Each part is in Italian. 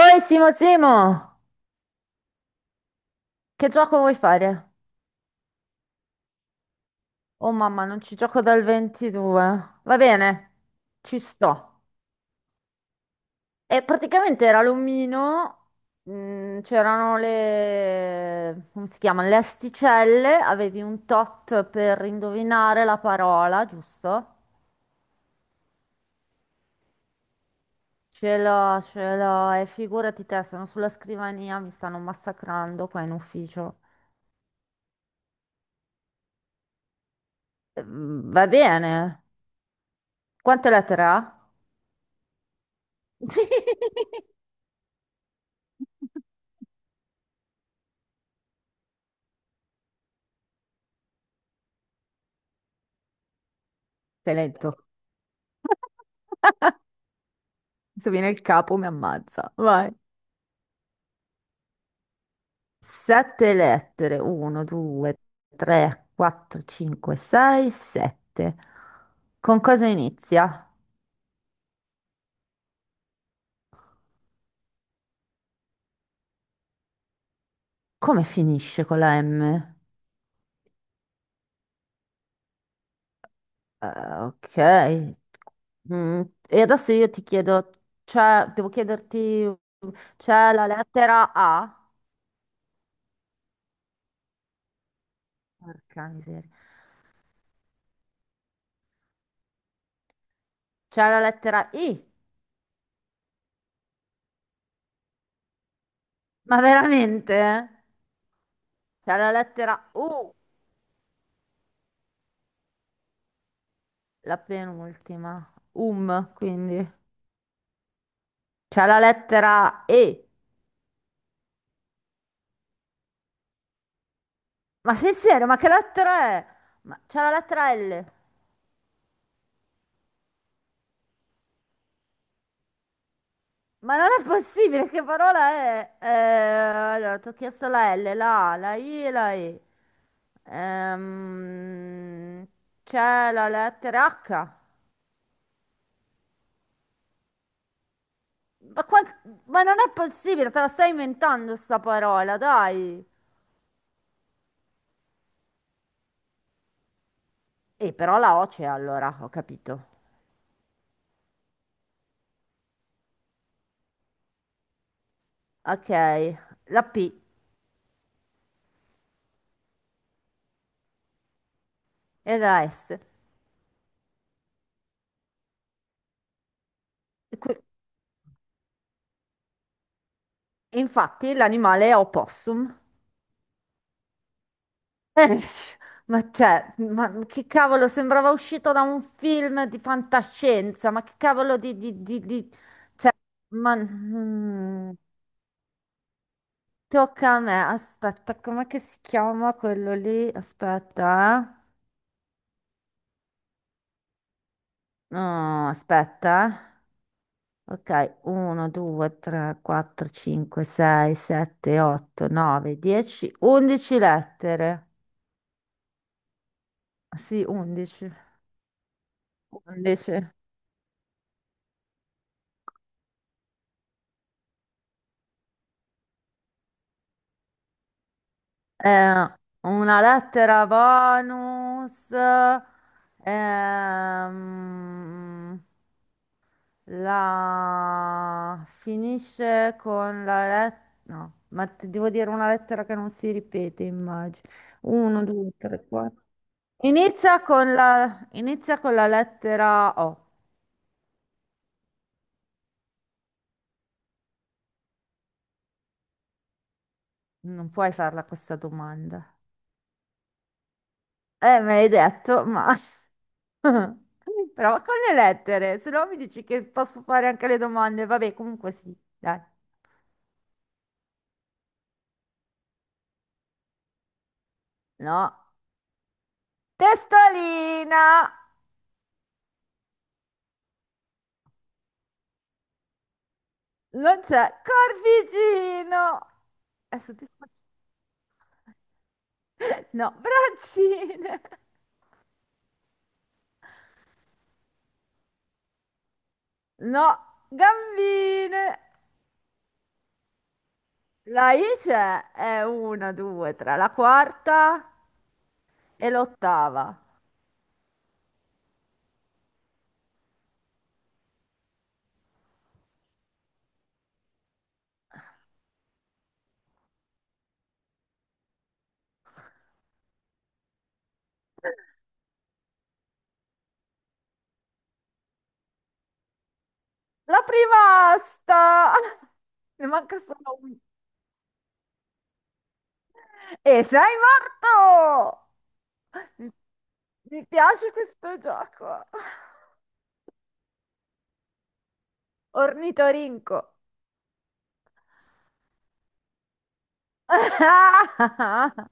Oi Simo, che gioco vuoi fare? Oh mamma, non ci gioco dal 22. Va bene, ci sto. E praticamente era l'omino, c'erano le... come si chiama? Le asticelle, avevi un tot per indovinare la parola, giusto? Ce l'ho, e figurati te, sono sulla scrivania, mi stanno massacrando qua in ufficio. Va bene, quante lettere ha? Sei lento. Se viene il capo mi ammazza. Vai. Sette lettere. 1, 2, 3, 4, 5, 6, 7. Con cosa inizia? Come finisce con la M? Eh, ok. Mm, e adesso io ti chiedo, devo chiederti, c'è la lettera A? Porca miseria. C'è la lettera I? Ma veramente? C'è la lettera U, la penultima. Quindi. C'è la lettera E. Ma sei serio? Ma che lettera è? Ma c'è la lettera L. Ma non è possibile, che parola è? Allora, ti ho chiesto la L, la A, la I e la E. Ehm, C'è la lettera H. Ma, qua- ma non è possibile, te la stai inventando sta parola, dai. E però la O c'è allora, ho capito. Ok, la P e la S. Qui- Infatti l'animale è opossum. Eh, ma cioè, ma che cavolo, sembrava uscito da un film di fantascienza, ma che cavolo cioè, ma, tocca a me, aspetta, com'è che si chiama quello lì? Aspetta, eh. No, aspetta, Ok, 1, 2, 3, 4, 5, 6, 7, 8, 9, 10, 11 lettere, sì, 11, 11. Eh, una lettera Vanus, ehm, la finisce con la lettera, no, ma ti devo dire una lettera che non si ripete, immagino. Uno, due, tre, quattro. Inizia con la lettera O. Non puoi farla questa domanda. Me l'hai detto, ma... Prova con le lettere, se no mi dici che posso fare anche le domande. Vabbè, comunque sì, dai. No. Testolina! Non c'è. Corvigino! Adesso ti faccio... No, braccine! No, gambine! La I c'è, è una, due, tre, la quarta e l'ottava. La prima asta! Ne manca solo una. E sei morto! Mi, mi piace questo gioco. Ornitorinco.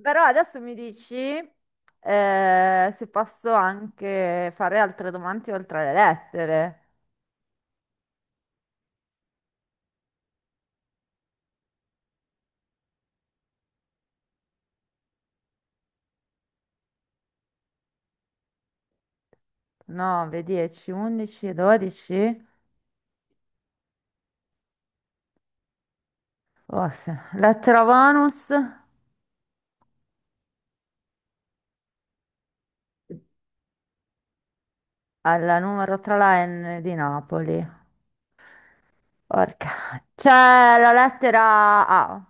Però adesso mi dici se posso anche fare altre domande oltre le lettere. 9, 10, 11, 12. Oh, lettera bonus alla numero 3 la N di Napoli. Porca. C'è la lettera A.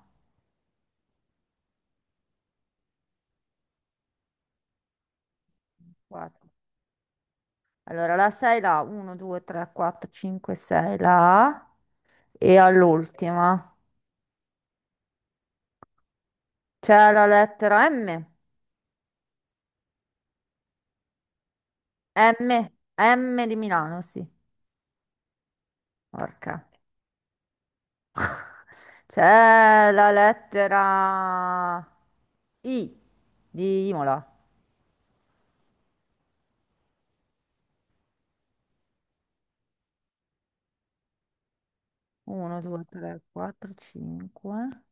Allora, la 6, la 1, 2, 3, 4, 5, 6, la A e all'ultima c'è la lettera M. M, M di Milano, sì. Porca. C'è la lettera I di Imola. 1, 2, 3, 4, 5.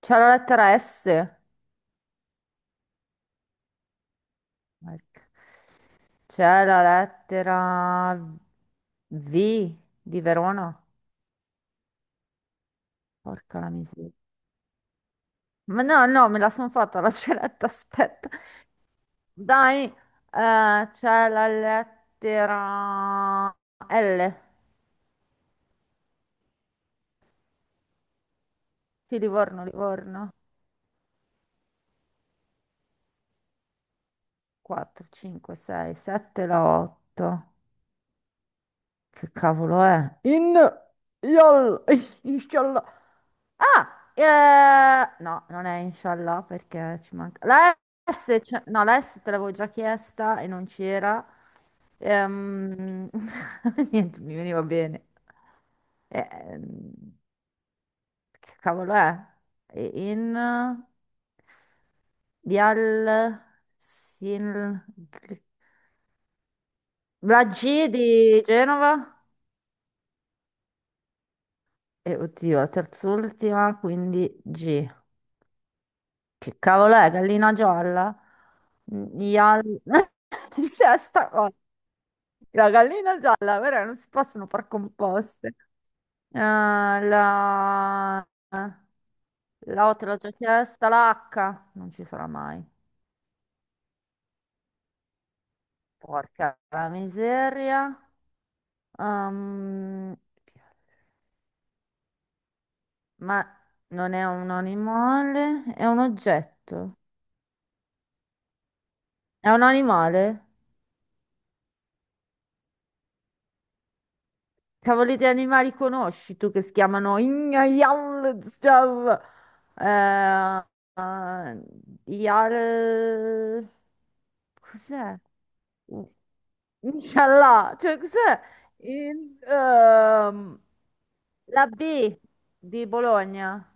C'è la lettera S. Porca. C'è la lettera V di Verona. Porca la miseria. Ma no, no, me la sono fatta la celetta, aspetta. Dai, c'è la lettera L di Livorno, Livorno. 4, 5, 6, 7, la 8. Che cavolo è? In, yol, inshallah. Ah, no, non è inshallah perché ci manca. La S, no, la S te l'avevo già chiesta e non c'era. Ehm, niente, mi veniva bene. Ehm, che cavolo è? E In Vial Sin la G di Genova? E oddio, la terz'ultima, quindi G. Che cavolo è? Gallina gialla? Ial... Sesta cosa. La gallina gialla, però non si possono far composte. La... La O te l'ho già chiesta, la H non ci sarà mai. Porca la miseria. Ehm, ma non è un animale, è un oggetto. È un animale? Cavoli di animali conosci tu che si chiamano Ignajallstav? Eh, eh, Yal... Cos'è? Inshallah, cioè cos'è? In- ehm, la B di Bologna.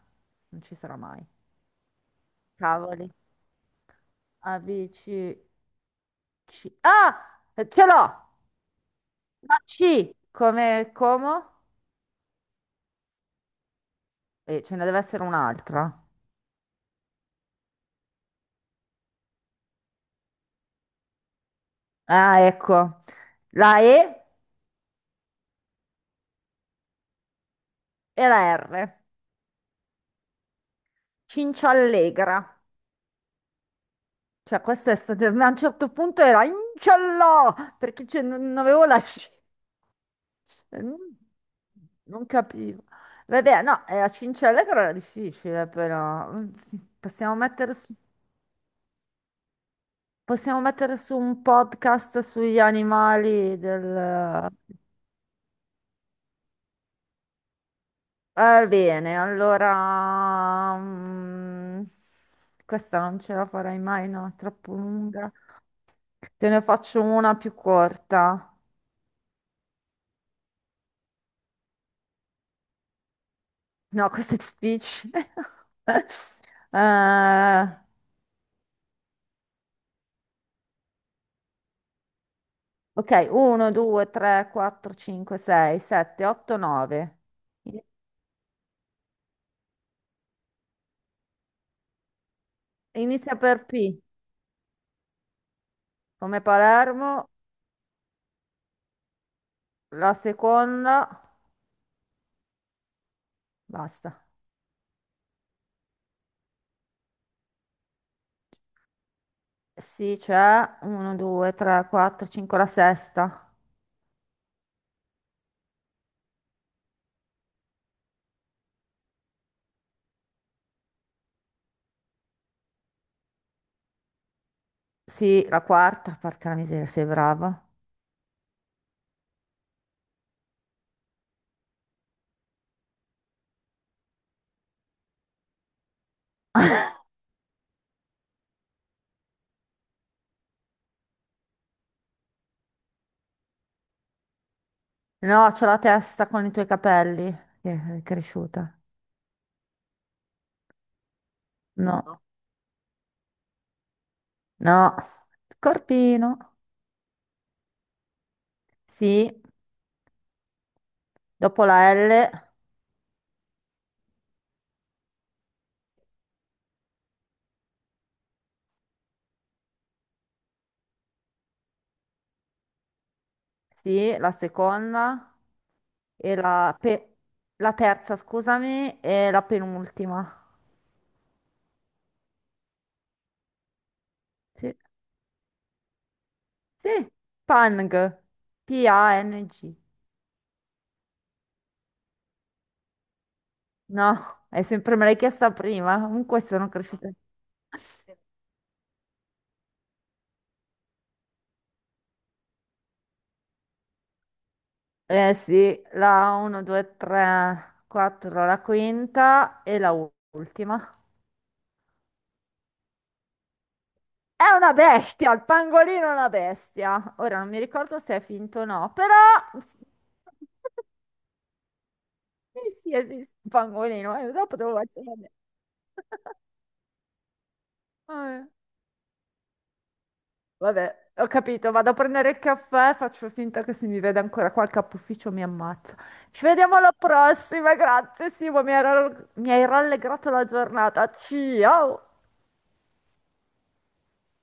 Non ci sarà mai. Cavoli. A, B, C, C. Ah! Ce l'ho! La C come Como? E ce ne deve essere un'altra. Ah, ecco. La E e la R. Cinciallegra. Cioè, questa è stata... ma a un certo punto era inciallò, perché cioè, non non avevo la... Non non capivo. Vabbè, no, la Cinciallegra era difficile, però. Sì, possiamo mettere su un podcast sugli animali del... Va bene, allora... questa non ce la farai mai, no? È troppo lunga. Te ne faccio una più corta. No, questa è difficile. Eh, ok, 1, 2, 3, 4, 5, 6, 7, 8, 9. Inizia per P, come Palermo, la seconda, basta. Sì, c'è 1, 2, 3, 4, 5, la sesta. Sì, la quarta, porca la miseria, sei brava. No, c'ho la testa con i tuoi capelli, che è cresciuta. No. No, Scorpino. Sì, dopo la L, sì, la seconda e la terza, scusami, e la penultima. Sì, sì, Pang, P-A-N-G. No, è sempre me l'hai chiesta prima, comunque sono cresciuta. Eh sì, la 1, 2, 3, 4, la quinta e la ultima. È una bestia, il pangolino è una bestia. Ora non mi ricordo se è finto o no, però sì, sì, esiste il pangolino, dopo devo facciamo vedere. Eh, Vabbè, ho capito, vado a prendere il caffè, faccio finta che se mi vede ancora qua il capufficio mi ammazza. Ci vediamo alla prossima, grazie Simo, mi hai rallegrato la giornata. Ciao!